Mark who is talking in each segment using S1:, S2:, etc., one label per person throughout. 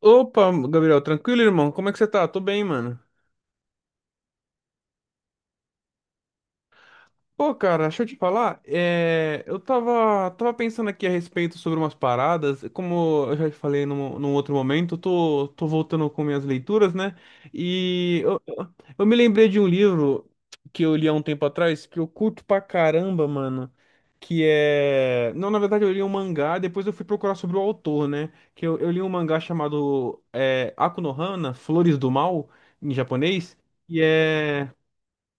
S1: Opa, Gabriel, tranquilo, irmão? Como é que você tá? Tô bem, mano. Pô, cara, deixa eu te falar. É, eu tava pensando aqui a respeito sobre umas paradas. Como eu já te falei num outro momento, eu tô voltando com minhas leituras, né? E eu me lembrei de um livro que eu li há um tempo atrás que eu curto pra caramba, mano. Que é. Não, na verdade, eu li um mangá, depois eu fui procurar sobre o autor, né? Que eu li um mangá chamado Aku no Hana, Flores do Mal, em japonês. E é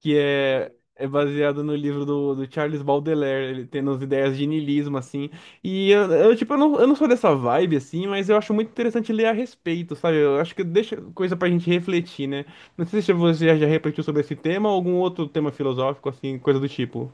S1: que é baseado no livro do Charles Baudelaire, ele tendo as ideias de niilismo, assim. E eu, tipo, eu não sou dessa vibe, assim, mas eu acho muito interessante ler a respeito, sabe? Eu acho que deixa coisa pra gente refletir, né? Não sei se você já refletiu sobre esse tema ou algum outro tema filosófico, assim, coisa do tipo.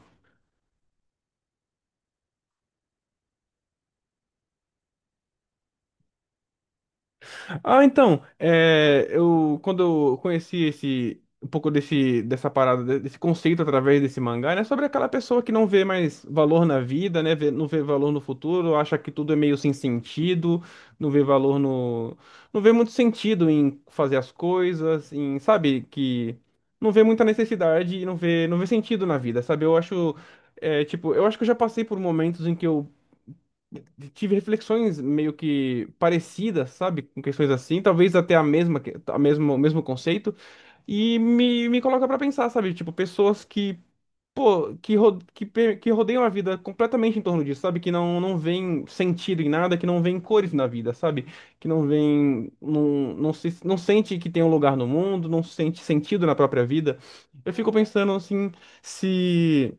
S1: Ah, então, eu quando eu conheci esse um pouco desse dessa parada de- desse conceito através desse mangá, né, sobre aquela pessoa que não vê mais valor na vida, né, não vê valor no futuro, acha que tudo é meio sem sentido, não vê valor no, não vê muito sentido em fazer as coisas, em, sabe, que não vê muita necessidade e não vê sentido na vida, sabe? Tipo, eu acho que eu já passei por momentos em que eu tive reflexões meio que parecidas, sabe? Com questões assim, talvez até o mesmo conceito, e me coloca pra pensar, sabe? Tipo, pessoas pô, que, ro- que, pe- que rodeiam a vida completamente em torno disso, sabe? Que não veem sentido em nada, que não veem cores na vida, sabe? Que não veem, não, não se, não sente que tem um lugar no mundo, não sente sentido na própria vida. Eu fico pensando assim, se.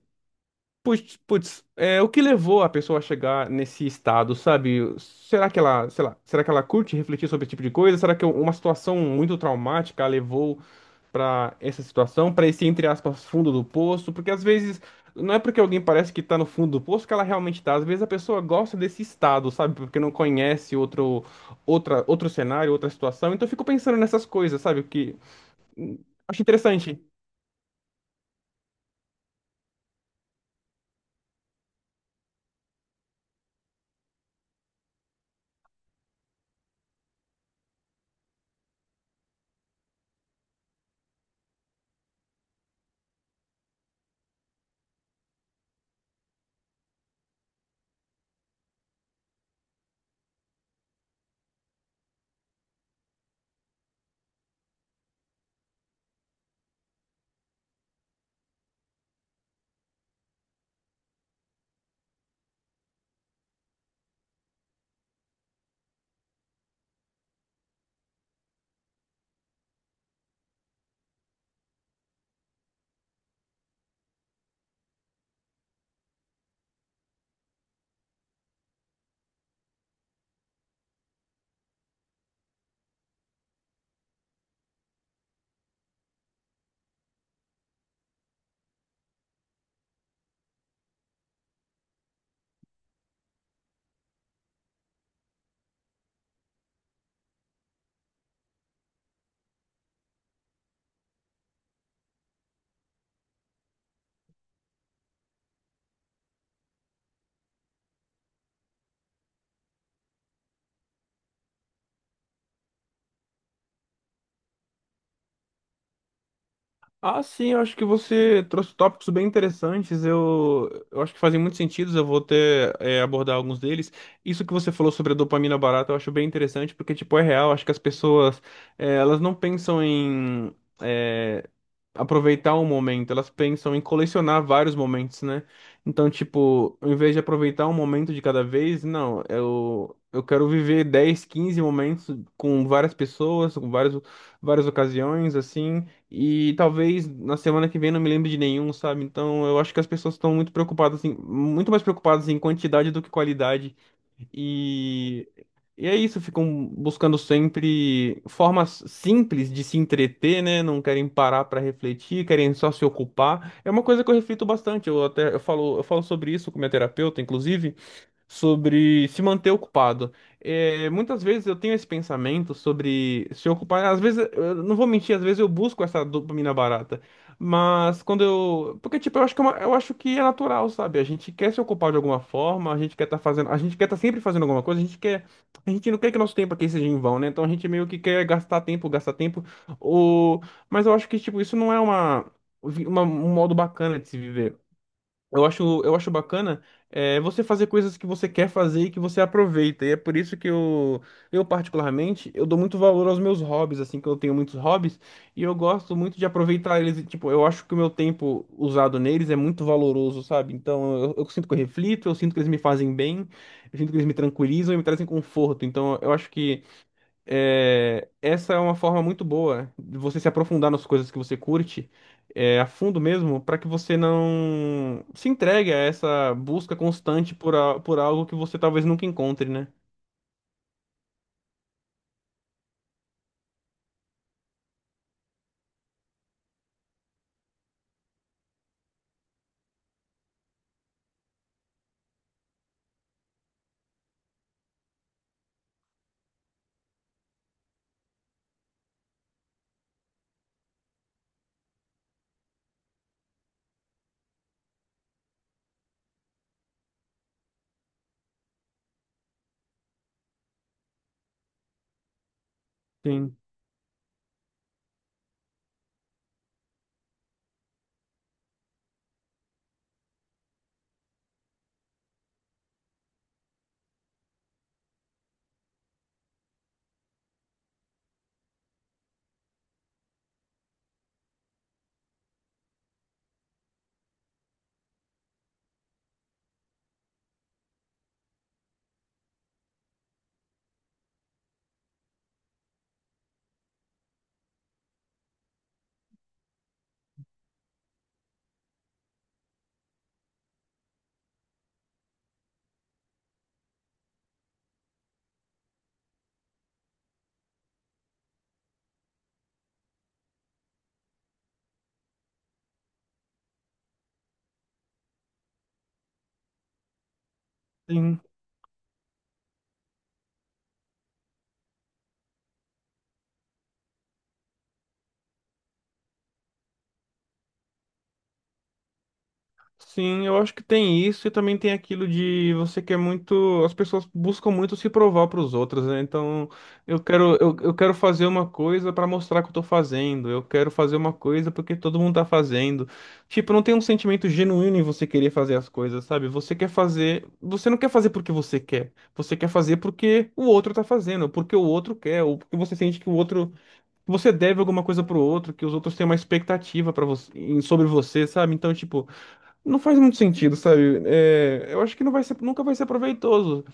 S1: Putz, o que levou a pessoa a chegar nesse estado, sabe? Será que ela, sei lá, será que ela curte refletir sobre esse tipo de coisa? Será que uma situação muito traumática a levou pra essa situação, pra esse, entre aspas, fundo do poço? Porque às vezes não é porque alguém parece que tá no fundo do poço que ela realmente tá. Às vezes a pessoa gosta desse estado, sabe? Porque não conhece outro cenário, outra situação. Então eu fico pensando nessas coisas, sabe? Que hum, Acho interessante. Ah, sim, eu acho que você trouxe tópicos bem interessantes. Eu acho que fazem muito sentido. Eu vou até abordar alguns deles. Isso que você falou sobre a dopamina barata, eu acho bem interessante, porque, tipo, é real. Acho que as pessoas, elas não pensam em é, aproveitar um momento, elas pensam em colecionar vários momentos, né? Então, tipo, ao invés de aproveitar um momento de cada vez, não, eu quero viver 10, 15 momentos com várias pessoas, com vários várias ocasiões, assim, e talvez na semana que vem não me lembre de nenhum, sabe? Então eu acho que as pessoas estão muito preocupadas, muito mais preocupadas em quantidade do que qualidade. E, e é isso, ficam buscando sempre formas simples de se entreter, né? Não querem parar para refletir, querem só se ocupar. É uma coisa que eu reflito bastante. Eu até eu falo sobre isso com minha terapeuta, inclusive sobre se manter ocupado. Muitas vezes eu tenho esse pensamento sobre se ocupar. Às vezes, eu não vou mentir, às vezes eu busco essa dopamina barata. Mas quando eu. Porque, tipo, eu acho que é natural, sabe? A gente quer se ocupar de alguma forma, a gente quer estar fazendo. A gente quer estar sempre fazendo alguma coisa, a gente quer. A gente não quer que nosso tempo aqui seja em vão, né? Então a gente meio que quer gastar tempo, gastar tempo. Ou... Mas eu acho que, tipo, isso não é uma, um modo bacana de se viver. Eu acho bacana você fazer coisas que você quer fazer e que você aproveita. E é por isso que eu particularmente, eu dou muito valor aos meus hobbies, assim, que eu tenho muitos hobbies, e eu gosto muito de aproveitar eles. Tipo, eu acho que o meu tempo usado neles é muito valoroso, sabe? Então, eu sinto que eu reflito, eu sinto que eles me fazem bem, eu sinto que eles me tranquilizam e me trazem conforto. Então, eu acho que essa é uma forma muito boa de você se aprofundar nas coisas que você curte, a fundo mesmo, para que você não se entregue a essa busca constante por algo que você talvez nunca encontre, né? Sim, sim. Sim, eu acho que tem isso e também tem aquilo de você quer muito. As pessoas buscam muito se provar para os outros, né? Então, eu quero fazer uma coisa para mostrar que eu tô fazendo, eu quero fazer uma coisa porque todo mundo tá fazendo. Tipo, não tem um sentimento genuíno em você querer fazer as coisas, sabe? Você quer fazer. Você não quer fazer porque você quer. Você quer fazer porque o outro tá fazendo, porque o outro quer, ou porque você sente que o outro. Você deve alguma coisa pro outro, que os outros têm uma expectativa para você, sobre você, sabe? Então, tipo. Não faz muito sentido, sabe? Eu acho que não vai ser, nunca vai ser proveitoso.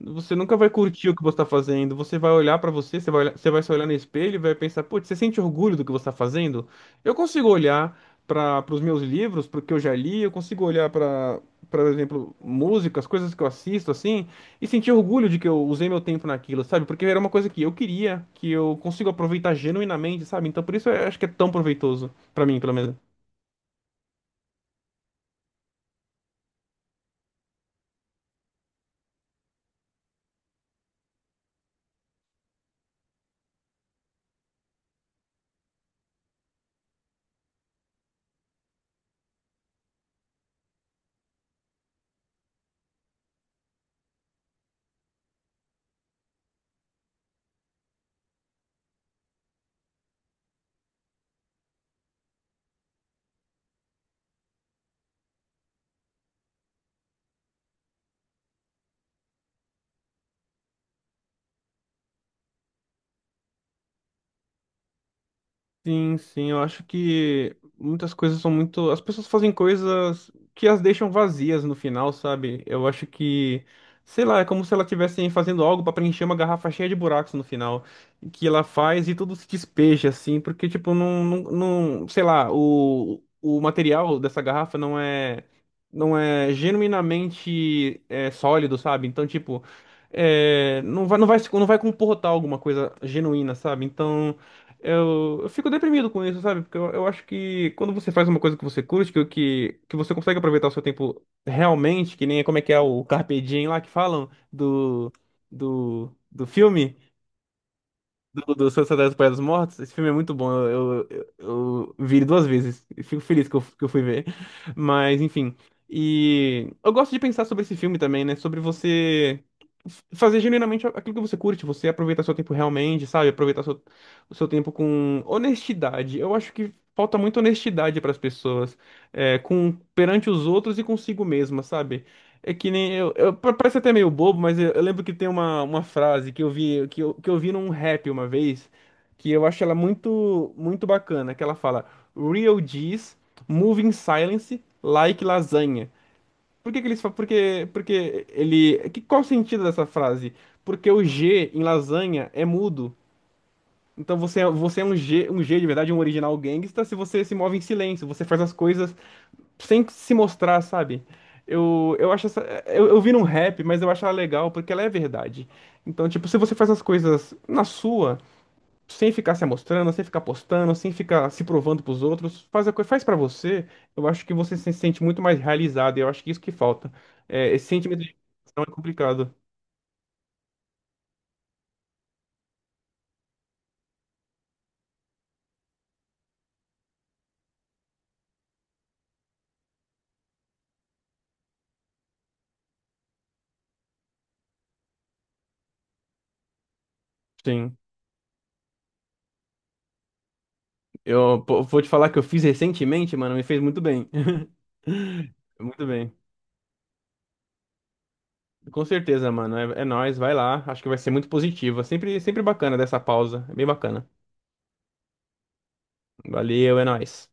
S1: Você nunca vai curtir o que você está fazendo. Você vai olhar para você, você vai se olhar no espelho e vai pensar, putz, você sente orgulho do que você está fazendo? Eu consigo olhar para os meus livros, para o que eu já li, eu consigo olhar para, por exemplo, músicas, coisas que eu assisto, assim, e sentir orgulho de que eu usei meu tempo naquilo, sabe? Porque era uma coisa que eu queria, que eu consigo aproveitar genuinamente, sabe? Então por isso eu acho que é tão proveitoso, para mim, pelo menos. Sim, sim, eu acho que muitas coisas são muito. As pessoas fazem coisas que as deixam vazias no final, sabe? Eu acho que, sei lá, é como se elas estivessem fazendo algo pra preencher uma garrafa cheia de buracos no final, que ela faz e tudo se despeja, assim, porque, tipo, sei lá, o material dessa garrafa não é genuinamente sólido, sabe? Então, tipo, não vai comportar alguma coisa genuína, sabe? Então. Eu fico deprimido com isso, sabe? Porque eu acho que quando você faz uma coisa que você curte, que você consegue aproveitar o seu tempo realmente, que nem como é que é o Carpe Diem lá que falam do filme do Sociedade dos Poetas Mortos. Esse filme é muito bom. Eu vi ele duas vezes. E fico feliz que eu fui ver. Mas, enfim. E eu gosto de pensar sobre esse filme também, né? Sobre você fazer genuinamente aquilo que você curte, você aproveitar seu tempo realmente, sabe? Aproveitar o seu tempo com honestidade. Eu acho que falta muita honestidade para as pessoas, é, com perante os outros e consigo mesma, sabe? É que nem eu, parece até meio bobo, mas eu lembro que tem uma, frase que eu vi num rap uma vez, que eu acho ela muito muito bacana, que ela fala Real G's move in silence like lasanha. Por que que eles falam? Porque ele que qual o sentido dessa frase? Porque o G em lasanha é mudo. Então você é um G de verdade, um original gangsta, se você se move em silêncio, você faz as coisas sem se mostrar, sabe? Eu acho essa, eu vi num rap, mas eu acho ela legal porque ela é verdade. Então, tipo, se você faz as coisas na sua, sem ficar se amostrando, sem ficar postando, sem ficar se provando pros outros, faz a coisa, faz para você, eu acho que você se sente muito mais realizado, e eu acho que isso que falta. Esse sentimento de realização é complicado. Sim. Eu Pô, vou te falar que eu fiz recentemente, mano, me fez muito bem. Muito bem. Com certeza, mano. É nóis, vai lá. Acho que vai ser muito positivo. É sempre bacana dessa pausa. É bem bacana. Valeu, é nóis.